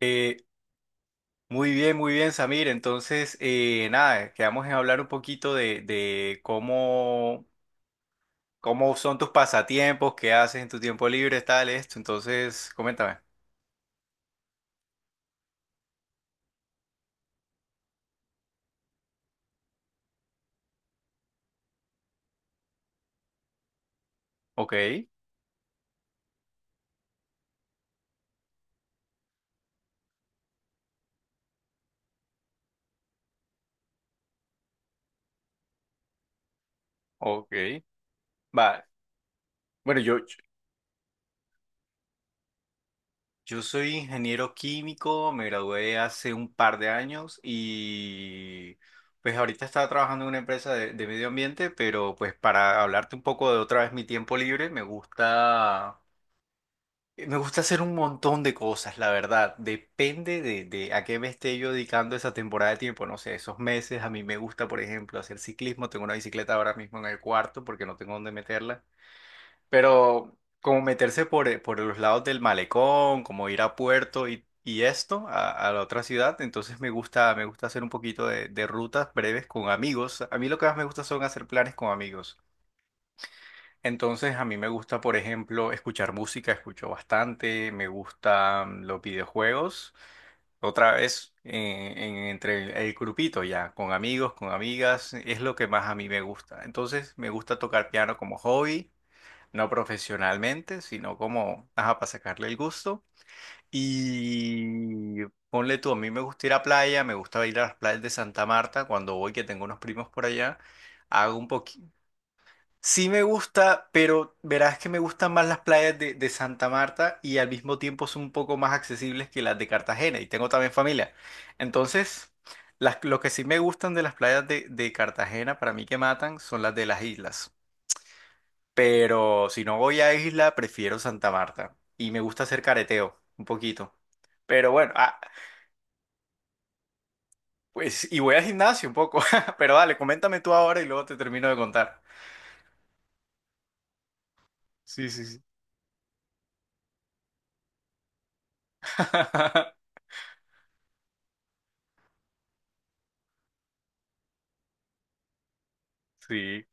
Eh, Muy bien, muy bien, Samir. Entonces, nada, quedamos en hablar un poquito de cómo son tus pasatiempos, qué haces en tu tiempo libre, tal, esto. Entonces, coméntame. Ok, ok. Va. Bueno, yo soy ingeniero químico, me gradué hace un par de años y pues ahorita estaba trabajando en una empresa de medio ambiente, pero pues para hablarte un poco de otra vez mi tiempo libre, me gusta hacer un montón de cosas, la verdad. Depende de a qué me esté yo dedicando esa temporada de tiempo. No sé, esos meses a mí me gusta, por ejemplo, hacer ciclismo. Tengo una bicicleta ahora mismo en el cuarto porque no tengo dónde meterla. Pero como meterse por los lados del malecón, como ir a Puerto y esto, a la otra ciudad. Entonces me gusta hacer un poquito de rutas breves con amigos. A mí lo que más me gusta son hacer planes con amigos. Entonces a mí me gusta, por ejemplo, escuchar música, escucho bastante, me gustan los videojuegos. Otra vez, entre el grupito ya, con amigos, con amigas, es lo que más a mí me gusta. Entonces me gusta tocar piano como hobby, no profesionalmente, sino como, ajá, para sacarle el gusto. Y ponle tú, a mí me gusta ir a playa, me gusta ir a las playas de Santa Marta cuando voy, que tengo unos primos por allá. Hago un poquito. Sí me gusta, pero verás que me gustan más las playas de Santa Marta y al mismo tiempo son un poco más accesibles que las de Cartagena y tengo también familia. Entonces, lo que sí me gustan de las playas de Cartagena para mí que matan son las de las islas. Pero si no voy a isla, prefiero Santa Marta y me gusta hacer careteo un poquito. Pero bueno, pues y voy al gimnasio un poco, pero dale, coméntame tú ahora y luego te termino de contar. Sí, sí, sí. Sí.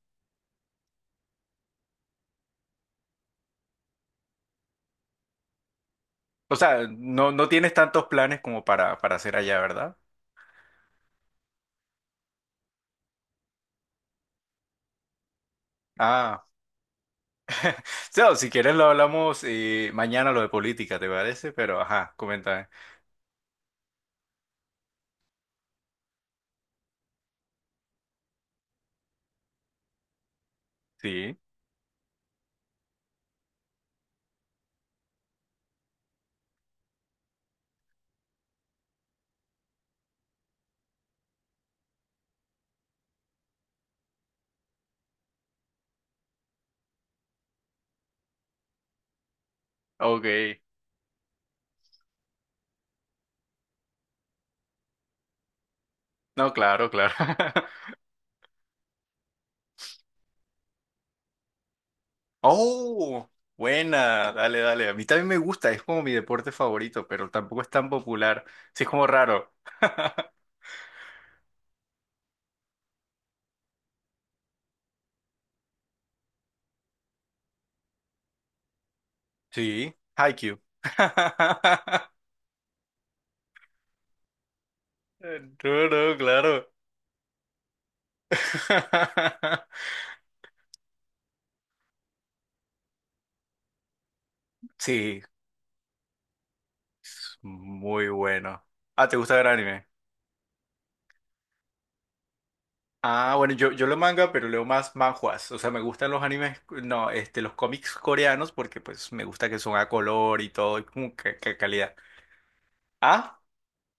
O sea, no, no tienes tantos planes como para hacer allá, ¿verdad? Ah, o si quieres lo hablamos mañana lo de política, ¿te parece? Pero, ajá, coméntame. Sí, ok. No, claro, claro. Oh, buena, dale, dale. A mí también me gusta, es como mi deporte favorito, pero tampoco es tan popular. Sí, es como raro. Sí, Haikyuu. No, no, claro. Sí, es muy bueno. Ah, ¿te gusta ver anime? Ah, bueno, yo leo manga, pero leo más manhwas. O sea, me gustan los animes, no, los cómics coreanos, porque pues me gusta que son a color y todo, y como que calidad. Ah,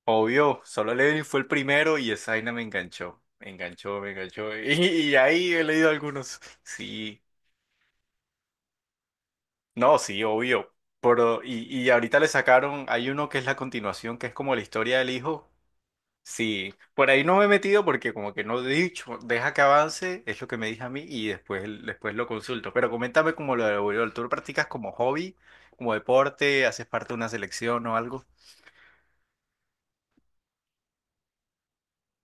obvio, Solo Leveling fue el primero y esa vaina me enganchó. Me enganchó, me enganchó. Y ahí he leído algunos. Sí, no, sí, obvio. Pero, y ahorita le sacaron, hay uno que es la continuación, que es como la historia del hijo. Sí, por ahí no me he metido porque como que no he dicho, deja que avance, es lo que me dije a mí y después lo consulto. Pero coméntame como lo de voleibol, ¿tú lo practicas como hobby, como deporte, haces parte de una selección o algo?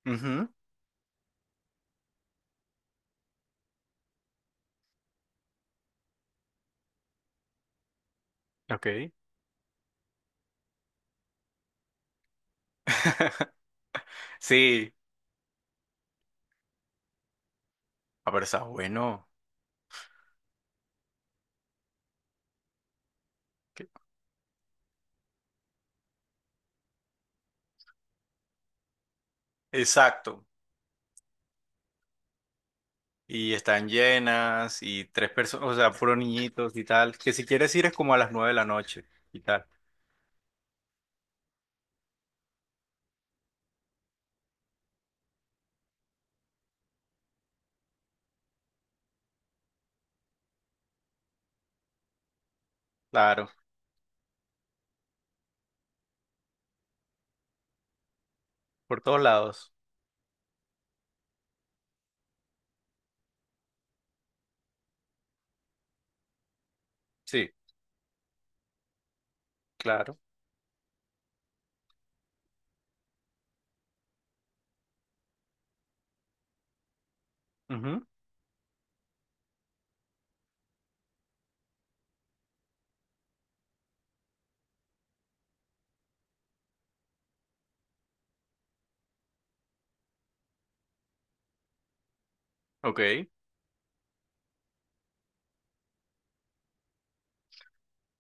Ujú. Ok. Sí, pero está bueno. Ok. Exacto. Y están llenas y tres personas, o sea, puros niñitos y tal. Que si quieres ir es como a las 9 de la noche y tal. Claro, por todos lados. Sí, claro. Ujú. Ok.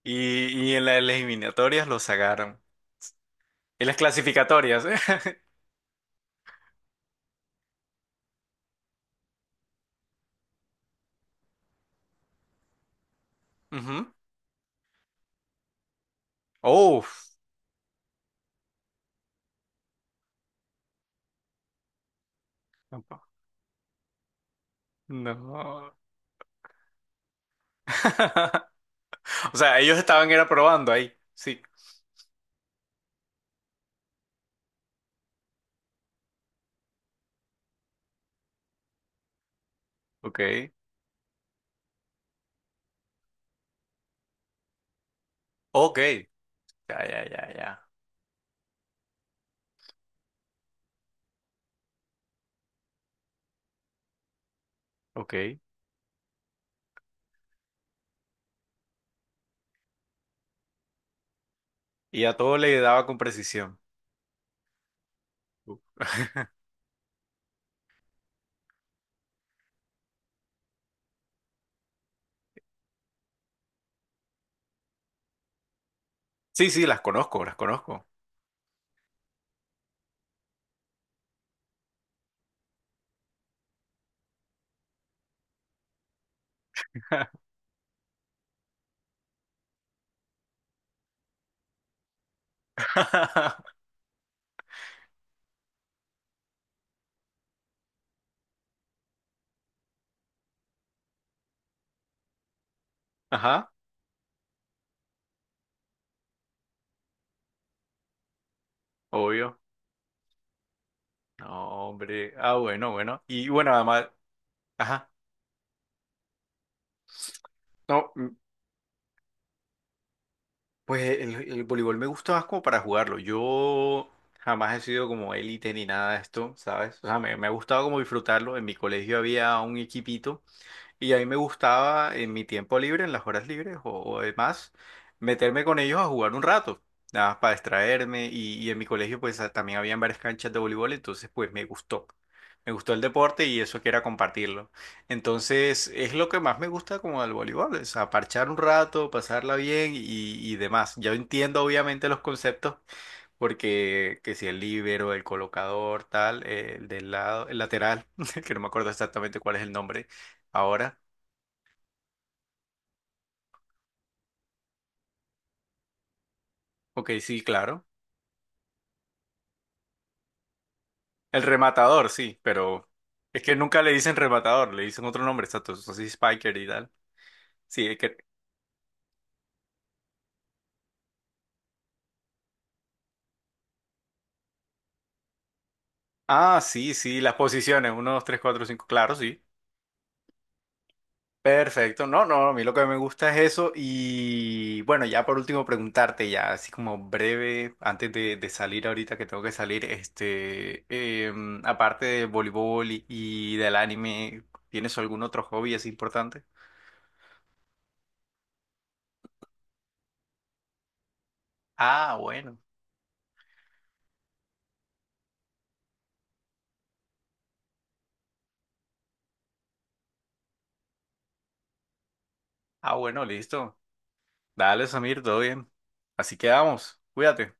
Y en las eliminatorias lo sacaron. En las clasificatorias, ¿eh? Ujú. Oh, tampoco. No. O sea, ellos estaban era probando ahí. Sí. Ok. Ok. Ya, ya, ya, ya. Ok. Y a todo le daba con precisión. Sí, sí, las conozco, las conozco. Ajá, obvio. No, hombre. Ah, bueno, bueno. Y bueno, además, ajá. No. Pues el voleibol me gusta más como para jugarlo. Yo jamás he sido como élite ni nada de esto, ¿sabes? O sea, me ha gustado como disfrutarlo. En mi colegio había un equipito. Y a mí me gustaba en mi tiempo libre, en las horas libres o demás, meterme con ellos a jugar un rato, nada más para distraerme. Y en mi colegio pues también habían varias canchas de voleibol, entonces pues me gustó. Me gustó el deporte y eso que era compartirlo. Entonces es lo que más me gusta como del voleibol, o sea, parchar un rato, pasarla bien y demás. Yo entiendo obviamente los conceptos porque que si el líbero, el colocador, tal, el del lado, el lateral, que no me acuerdo exactamente cuál es el nombre ahora. Ok, sí, claro. El rematador, sí, pero es que nunca le dicen rematador, le dicen otro nombre, exacto, así Spiker y tal. Sí, es que. Ah, sí, sí, las posiciones, 1, 2, 3, 4, 5 claro, sí. Perfecto, no, no, a mí lo que me gusta es eso y bueno, ya por último preguntarte ya, así como breve, antes de salir ahorita que tengo que salir, aparte de voleibol y del anime, ¿tienes algún otro hobby así importante? Ah, bueno, bueno, listo. Dale, Samir, todo bien. Así quedamos. Cuídate.